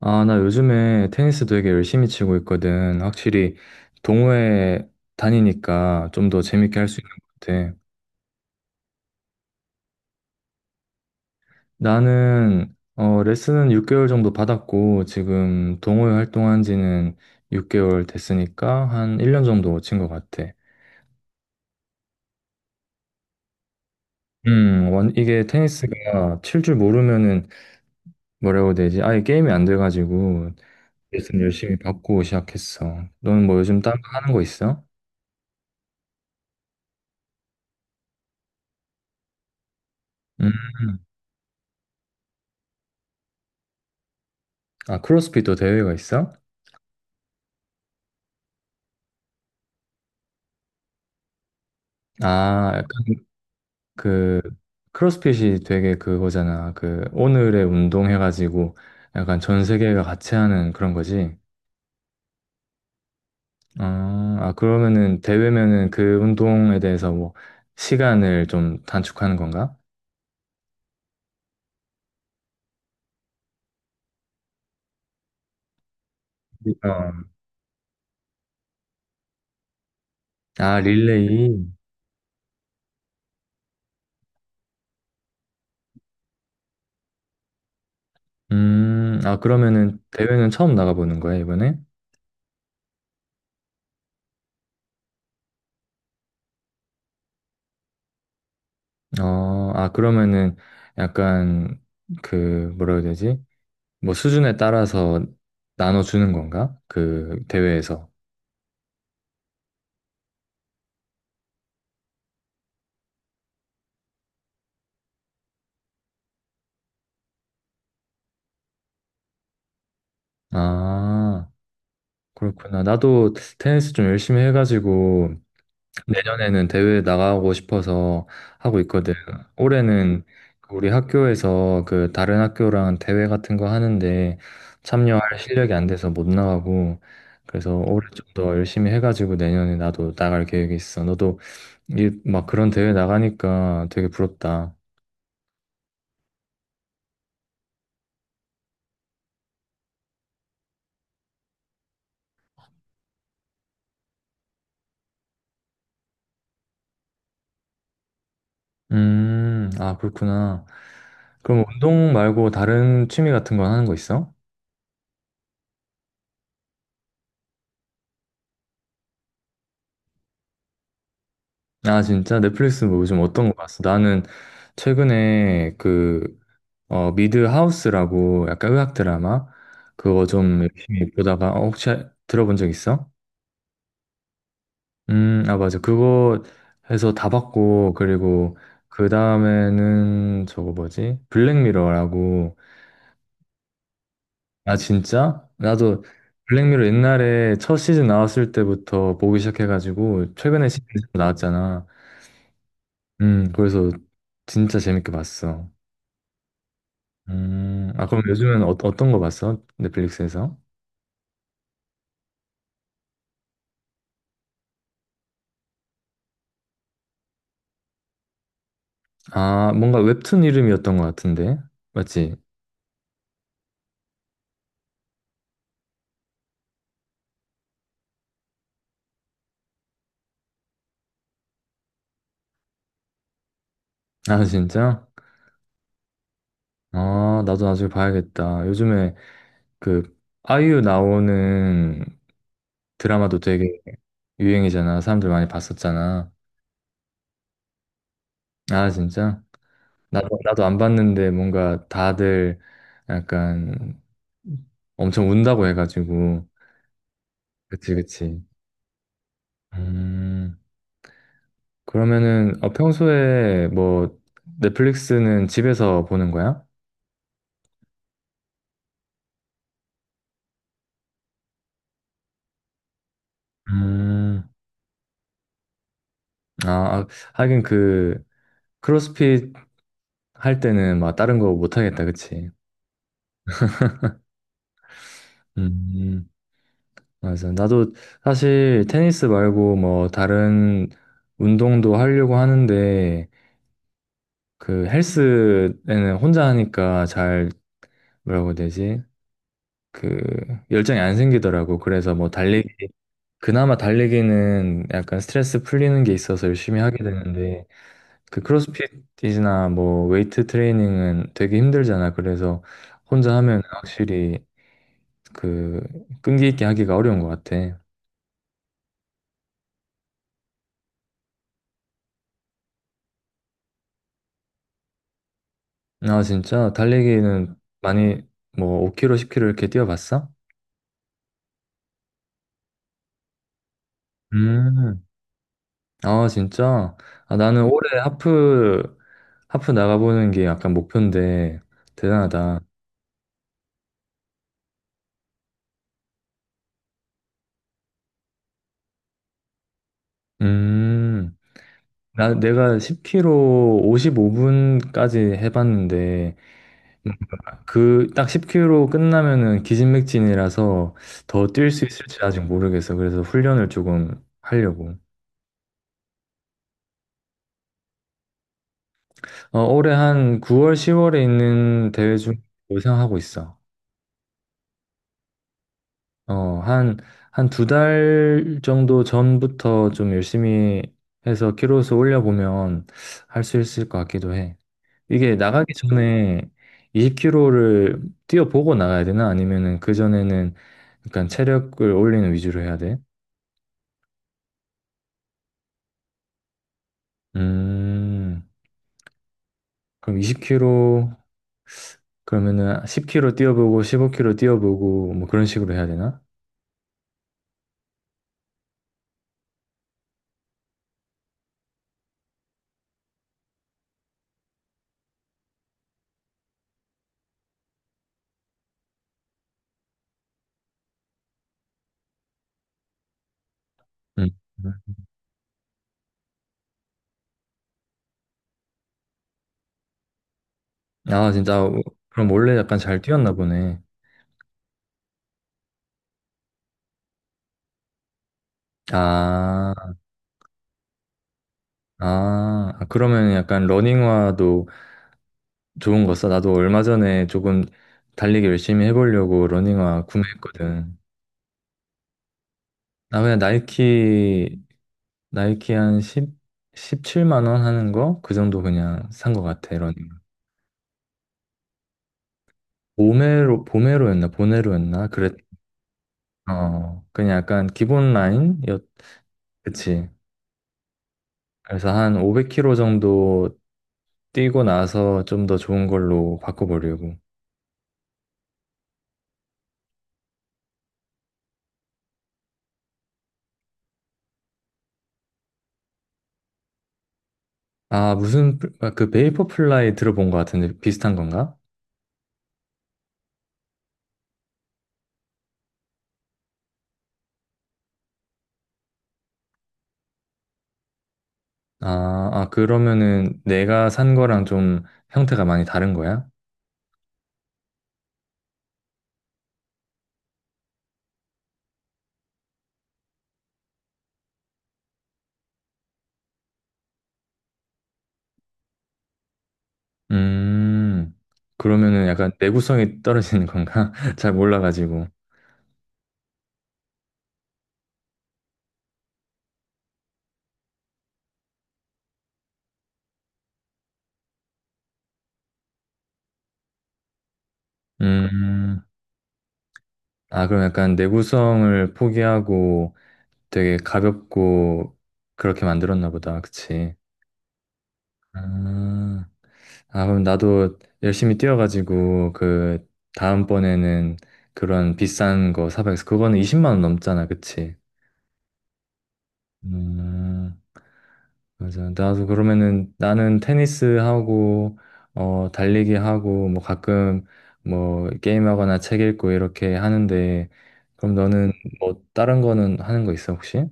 아, 나 요즘에 테니스 되게 열심히 치고 있거든. 확실히 동호회 다니니까 좀 더 재밌게 할 수 있는 것 같아. 나는 레슨은 6개월 정도 받았고 지금 동호회 활동한 지는 6개월 됐으니까 한 1년 정도 친 것 같아. 이게 테니스가 칠 줄 모르면은 뭐라고 해야 되지? 아예 게임이 안 돼가지고 레슨 열심히 받고 시작했어. 너는 뭐 요즘 딴거 하는 거 있어? 음, 아, 크로스핏도 대회가 있어? 아, 약간 그 크로스핏이 되게 그거잖아. 그 오늘의 운동 해가지고 약간 전 세계가 같이 하는 그런 거지. 아, 아, 그러면은 대회면은 그 운동에 대해서 뭐 시간을 좀 단축하는 건가? 어. 아, 릴레이. 아, 그러면은 대회는 처음 나가보는 거야, 이번에? 아, 그러면은 약간 그 뭐라 해야 되지? 뭐 수준에 따라서 나눠주는 건가? 그 대회에서. 아. 그렇구나. 나도 테니스 좀 열심히 해가지고 내년에는 대회 나가고 싶어서 하고 있거든. 올해는 그 우리 학교에서 그 다른 학교랑 대회 같은 거 하는데 참여할 실력이 안 돼서 못 나가고 그래서 올해 좀 더 열심히 해가지고 내년에 나도 나갈 계획이 있어. 너도 이 막 그런 대회 나가니까 되게 부럽다. 아, 그렇구나. 그럼 운동 말고 다른 취미 같은 건 하는 거 있어? 아, 진짜? 넷플릭스 뭐 요즘 어떤 거 봤어? 나는 최근에 그, 미드 하우스라고 약간 의학 드라마? 그거 좀 열심히 보다가, 혹시 들어본 적 있어? 아, 맞아. 그거 해서 다 봤고, 그리고 그 다음에는 저거 뭐지? 블랙미러라고. 아, 진짜? 나도 블랙미러 옛날에 첫 시즌 나왔을 때부터 보기 시작해가지고, 최근에 시즌 나왔잖아. 그래서 진짜 재밌게 봤어. 아, 그럼 요즘엔 어떤 거 봤어? 넷플릭스에서? 아, 뭔가 웹툰 이름이었던 것 같은데. 맞지? 아, 진짜? 아, 나도 나중에 봐야겠다. 요즘에 그 아이유 나오는 드라마도 되게 유행이잖아. 사람들 많이 봤었잖아. 아, 진짜? 나도 안 봤는데 뭔가 다들 약간 엄청 운다고 해가지고. 그치, 그치. 음. 그러면은 평소에 뭐 넷플릭스는 집에서 보는 거야? 음, 아, 아, 하긴 그 크로스핏 할 때는 막 다른 거 못 하겠다, 그치? 음, 맞아. 나도 사실 테니스 말고 뭐 다른 운동도 하려고 하는데 그 헬스에는 혼자 하니까 잘 뭐라고 해야 되지? 그 열정이 안 생기더라고. 그래서 뭐 달리기 그나마 달리기는 약간 스트레스 풀리는 게 있어서 열심히 하게 되는데 그 크로스핏이나 뭐 웨이트 트레이닝은 되게 힘들잖아. 그래서 혼자 하면 확실히 그 끈기 있게 하기가 어려운 것 같아. 아 진짜 달리기는 많이 뭐 5km, 10km 이렇게 뛰어봤어? 음. 아 진짜? 아 나는 올해 하프 나가보는 게 약간 목표인데 대단하다. 음. 내가 10km 55분까지 해봤는데, 그, 딱 10km 끝나면은 기진맥진이라서 더 뛸 수 있을지 아직 모르겠어. 그래서 훈련을 조금 하려고. 올해 한 9월, 10월에 있는 대회 중 생각하고 있어. 어, 한, 한 두 달 정도 전부터 좀 열심히 해서 키로수 올려보면 할 수 있을 것 같기도 해. 이게 나가기 전에 20km를 뛰어보고 나가야 되나? 아니면은 그전에는 약간 체력을 올리는 위주로 해야 돼? 음, 그럼 20km, 그러면은 10km 뛰어보고 15km 뛰어보고 뭐 그런 식으로 해야 되나? 음. 아, 진짜, 그럼 원래 약간 잘 뛰었나 보네. 아, 아, 아, 그러면 약간 러닝화도 좋은 거 써? 나도 얼마 전에 조금 달리기 열심히 해보려고 러닝화 구매했거든. 나 그냥 나이키 한1십칠7만원 하는 거? 그 정도 그냥 산 것 같아, 이런 보메로였나? 보네로였나? 그랬, 그냥 약간 기본 라인이었, 그치. 그래서 한 500km 정도 뛰고 나서 좀 더 좋은 걸로 바꿔보려고. 아, 아, 그 베이퍼 플라이 들어본 것 같은데 비슷한 건가? 아, 아, 그러면은 내가 산 거랑 좀 형태가 많이 다른 거야? 음, 그러면은 약간 내구성이 떨어지는 건가? 잘 몰라가지고. 음, 아, 그럼 약간 내구성을 포기하고 되게 가볍고 그렇게 만들었나 보다. 그치? 아, 아, 그럼 나도 열심히 뛰어가지고 그 다음번에는 그런 비싼 거 사봐야겠어. 그거는 20만 원 넘잖아. 그치? 음, 맞아. 나도 그러면은 나는 테니스 하고 달리기 하고 뭐 가끔 뭐 게임하거나 책 읽고 이렇게 하는데 그럼 너는 뭐 다른 거는 하는 거 있어 혹시?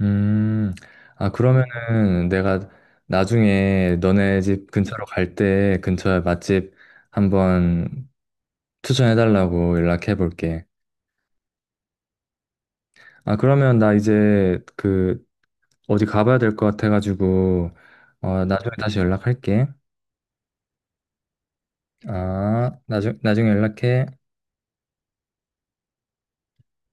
음. 아 그러면은 내가 나중에 너네 집 근처로 갈 때 근처에 맛집 한번 추천해 달라고 연락해 볼게. 아 그러면 나 이제 그 어디 가봐야 될 것 같아 가지고 나중에 다시 연락할게. 아, 나중에 연락해.